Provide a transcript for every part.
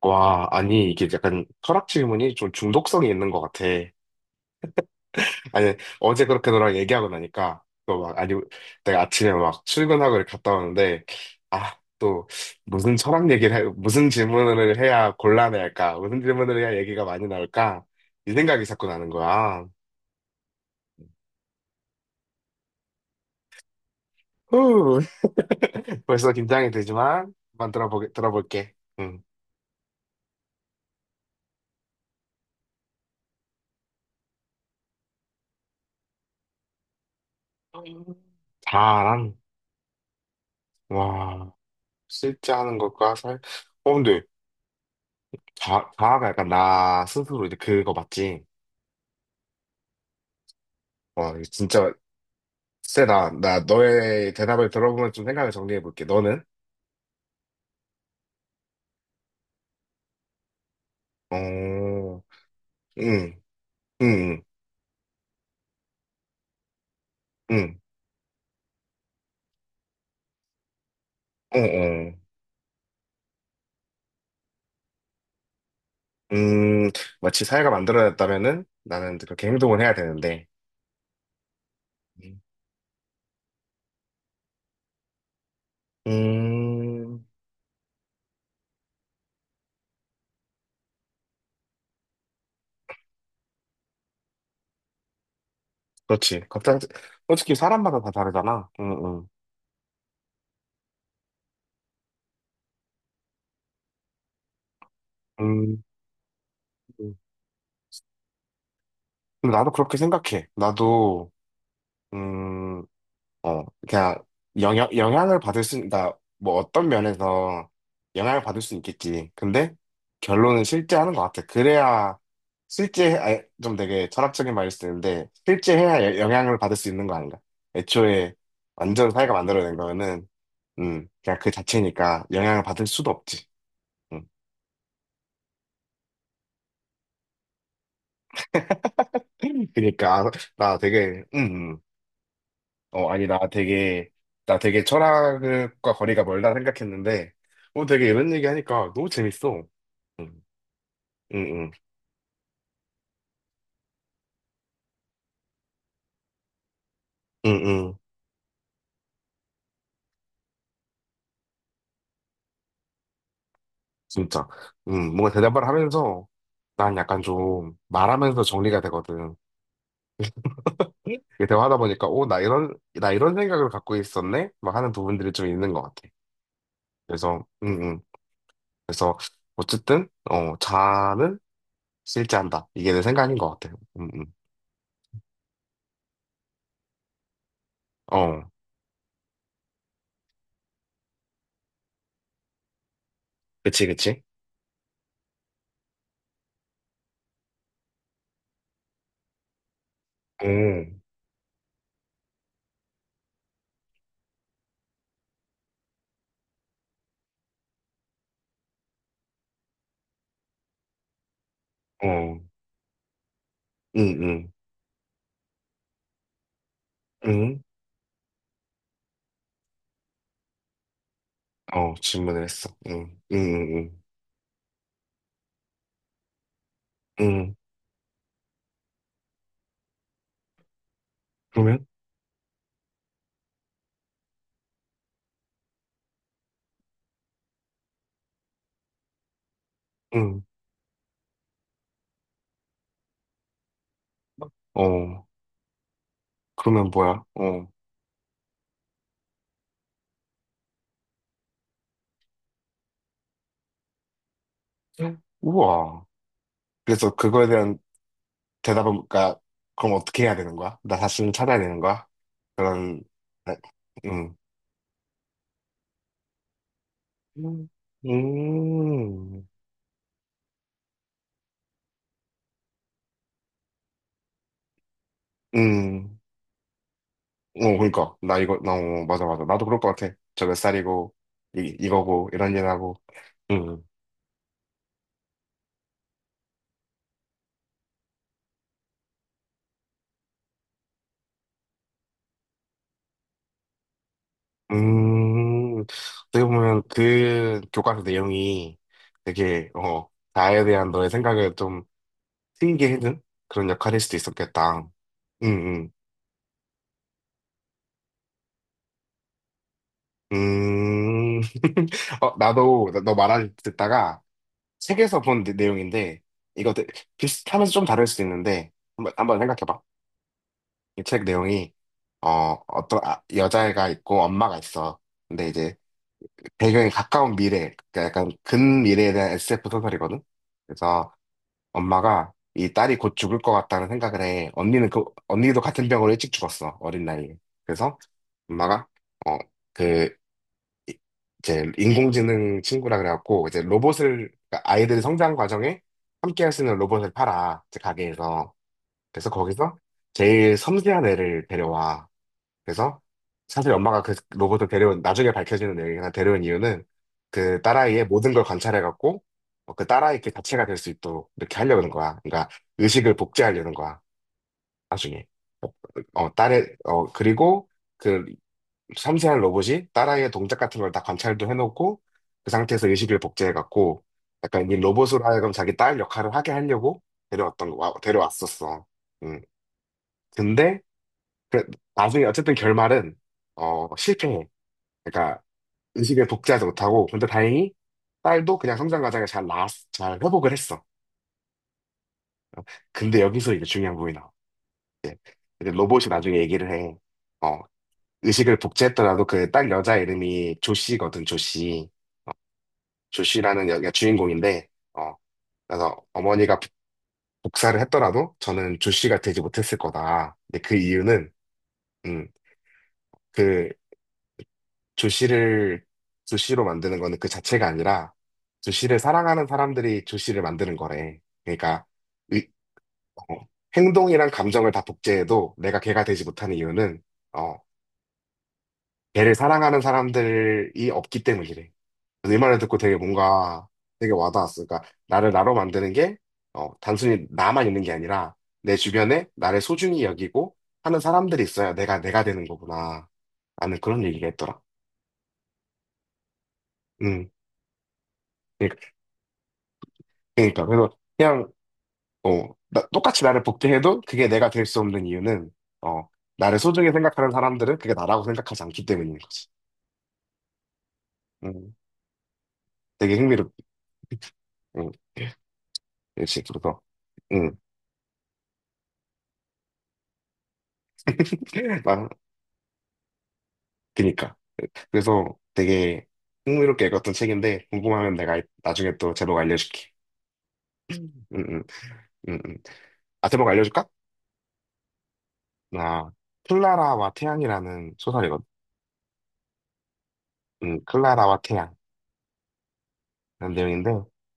와, 아니, 이게 약간 철학 질문이 좀 중독성이 있는 것 같아. 아니, 어제 그렇게 너랑 얘기하고 나니까, 또 막, 아니, 내가 아침에 막 출근하고 이렇게 갔다 오는데, 아, 또, 무슨 철학 얘기를, 무슨 질문을 해야 곤란해 할까? 무슨 질문을 해야 얘기가 많이 나올까? 이 생각이 자꾸 나는 거야. 후, 벌써 긴장이 되지만, 한번 들어볼게. 응. 자랑, 와, 실제 하는 것과 근데, 자아가 약간 나 스스로 이제 그거 맞지? 와, 이거 진짜 세다. 나 너의 대답을 들어보면 좀 생각을 정리해 볼게. 너는? 어, 응, 응, 응, 응, 어, 어. 음, 마치 사회가 만들어졌다면은 나는 이제 그렇게 행동을 해야 되는데. 음, 그렇지. 갑자기, 솔직히 사람마다 다 다르잖아. 응, 응. 음, 음. 근데 나도 그렇게 생각해. 나도, 음, 그냥 영향을 그러니까 뭐 어떤 면에서 영향을 받을 수 있겠지. 근데 결론은 실제 하는 것 같아. 그래야 좀 되게 철학적인 말일 수도 있는데, 실제 해야 영향을 받을 수 있는 거 아닌가. 애초에 완전 사회가 만들어낸 거는, 그냥 그 자체니까 영향을 받을 수도 없지. 음. 그러니까 나 되게, 아니, 나 되게 철학과 거리가 멀다 생각했는데, 되게 이런 얘기 하니까 너무 재밌어. 응, 응, 응, 응, 응, 진짜. 응, 뭔가 대답을 하면서, 난 약간 좀 말하면서 정리가 되거든. 이게 대화하다 보니까, 오, 나 이런 생각을 갖고 있었네? 막 하는 부분들이 좀 있는 것 같아. 그래서, 응, 응. 그래서, 어쨌든, 자아는 실제한다. 이게 내 생각인 것 같아. 응, 응. 어, 그치, 그치. 응, 어, 응, 응. 응? 어, 질문을 했어. 응, 응, 응, 응. 응. 그러면? 응. 어, 그러면 뭐야? 어. 응. 우와. 그래서 그거에 대한 대답은, 그러니까, 그럼 어떻게 해야 되는 거야? 나 자신을 찾아야 되는 거야? 그런, 나- 응. 음, 음, 음. 어, 그러니까. 나 이거, 나, 어, 맞아, 맞아. 나도 그럴 것 같아. 저 몇 살이고, 이거고, 이런 일 하고. 응. 어떻게 보면 그 교과서 내용이 되게, 나에 대한 너의 생각을 좀 트이게 해준 그런 역할일 수도 있었겠다. 음, 음, 음. 나도, 너 말을 듣다가 책에서 본 내용인데, 이거 되- 비슷하면서 좀 다를 수도 있는데, 한번 생각해봐. 이 책 내용이, 어떤 여자애가 있고 엄마가 있어. 근데 이제 배경이 가까운 미래, 그러니까 약간 근미래에 대한 SF 소설이거든? 그래서 엄마가 이 딸이 곧 죽을 것 같다는 생각을 해. 언니는 그, 언니도 같은 병으로 일찍 죽었어, 어린 나이에. 그래서 엄마가, 어, 그, 이- 이제 인공지능 친구라 그래갖고, 이제 로봇을, 그러니까 아이들이 성장 과정에 함께 할 수 있는 로봇을 팔아, 이제 가게에서. 그래서 거기서 제일 섬세한 애를 데려와. 그래서 사실 엄마가 그 로봇을 데려온 나중에 밝혀지는 내용이나 데려온 이유는 그 딸아이의 모든 걸 관찰해갖고 그 딸아이 그 자체가 될 수 있도록 이렇게 하려는 거야. 그러니까 의식을 복제하려는 거야. 나중에 어, 딸의 그리고 그 섬세한 로봇이 딸아이의 동작 같은 걸 다 관찰도 해놓고 그 상태에서 의식을 복제해갖고 약간 이 로봇으로 하여금 자기 딸 역할을 하게 하려고 데려왔었어. 음 근데 그 나중에 어쨌든 결말은 실패해. 그러니까 의식을 복제하지 못하고 근데 다행히 딸도 그냥 성장 과정에 잘나잘 회복을 했어. 근데 여기서 이제 중요한 부분이 나와. 근데 로봇이 나중에 얘기를 해. 어, 의식을 복제했더라도 그 딸 여자 이름이 조씨거든, 조씨. 조씨라는 여기가 주인공인데, 어, 그래서 어머니가 복사를 했더라도 저는 조씨가 되지 못했을 거다. 근데 그 이유는, 음, 그 조시를 조시로 만드는 거는 그 자체가 아니라 조시를 사랑하는 사람들이 조시를 만드는 거래. 그러니까 의- 어, 행동이랑 감정을 다 복제해도 내가 걔가 되지 못하는 이유는 어, 걔를 사랑하는 사람들이 없기 때문이래. 그래서 이 말을 듣고 되게 뭔가 되게 와닿았어. 그러니까 나를 나로 만드는 게 단순히 나만 있는 게 아니라 내 주변에 나를 소중히 여기고 하는 사람들이 있어야 내가 내가 되는 거구나. 라는 그런 얘기가 있더라. 음. 그러니까 그러니까 그래서 그냥 똑같이 나를 복제해도 그게 내가 될 수 없는 이유는 어 나를 소중히 생각하는 사람들은 그게 나라고 생각하지 않기 때문인 거지. 음, 되게 흥미롭. 음, 역시 그래서 음, 나 그니까 그래서 되게 흥미롭게 읽었던 책인데 궁금하면 내가 나중에 또 제목 알려줄게. 음, 음, 음, 음. 아 제목 알려줄까? 나 클라라와 태양이라는 소설이거든. 클라라와 태양 이런 내용인데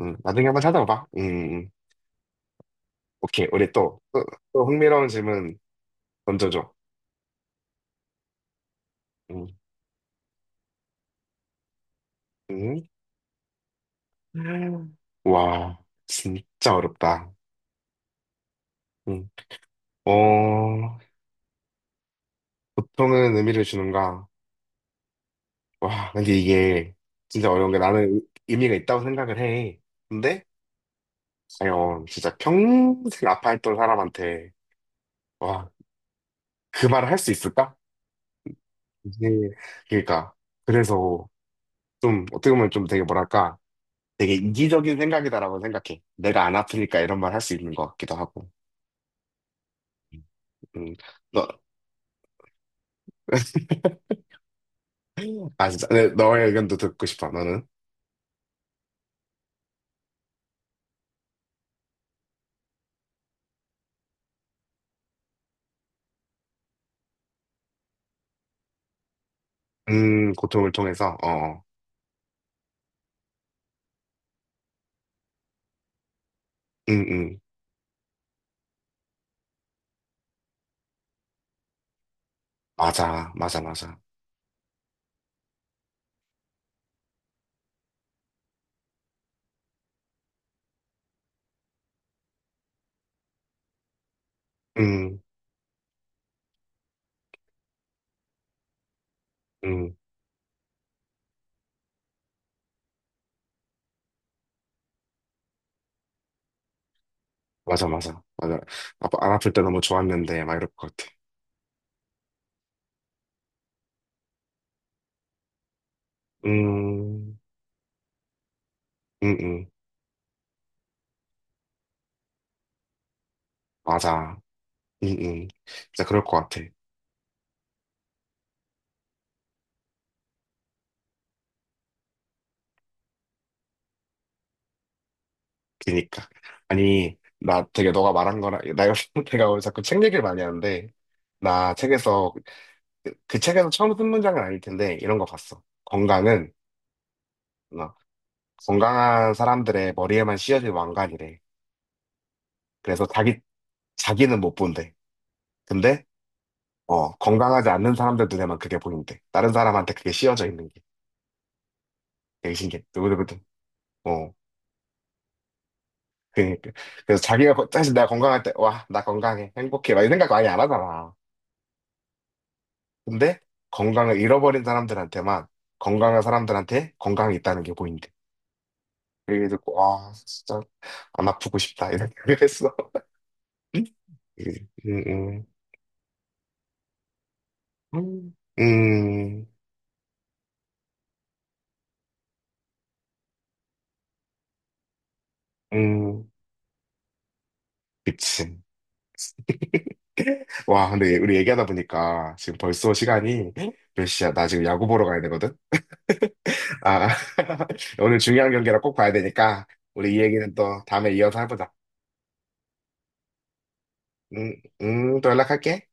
나중에 한번 찾아봐봐. 음. 음. 오케이, 우리 또, 또, 또 흥미로운 질문 던져줘. 응. 응? 음. 와, 진짜 어렵다. 응. 어, 보통은 의미를 주는가? 와, 근데 이게 진짜 어려운 게 나는 의미가 있다고 생각을 해. 근데, 과연 진짜 평생 아파했던 사람한테, 와, 그 말을 할 수 있을까? 이게, 그러니까. 그래서 좀, 어떻게 보면 좀 되게 뭐랄까, 되게 이기적인 생각이다라고 생각해. 내가 안 아프니까 이런 말 할 수 있는 것 같기도 하고. 음, 너, 아, 진짜. 네, 너의 의견도 듣고 싶어, 너는. 고통을 통해서, 어, 어. 음, 음. 맞아, 맞아, 맞아. 음, 음. 맞아, 맞아. 맞아. 안 아플 때 너무 좋았는데, 막 이럴 것 같아. 음, 음, 음. 맞아. 진짜 그럴 것 같아. 그니까. 아니, 나 되게 너가 말한 거랑, 나 요즘 내가 오늘 자꾸 책 얘기를 많이 하는데, 나 책에서, 그 책에서 처음 쓴 문장은 아닐 텐데, 이런 거 봤어. 건강은, 어, 건강한 사람들의 머리에만 씌어진 왕관이래. 그래서 자기는 못 본대. 근데, 건강하지 않는 사람들 눈에만 그게 보인대. 다른 사람한테 그게 씌어져 있는 게. 되게 신기해. 누구누구든. 어, 그니까. 그래서 자기가, 사실 내가 건강할 때, 와, 나 건강해. 행복해. 막 이런 생각 많이 안 하잖아. 근데, 건강을 잃어버린 사람들한테만, 건강한 사람들한테 건강이 있다는 게 보인대. 그게 듣고, 와, 진짜, 안 아프고 싶다. 이런 생각을 했어. 음, 음, 음, 음, 음. 그치. 와, 근데 우리 얘기하다 보니까 지금 벌써 시간이 몇 시야? 나 지금 야구 보러 가야 되거든? 아, 오늘 중요한 경기라 꼭 봐야 되니까 우리 이 얘기는 또 다음에 이어서 해보자. 음, 또 연락할게.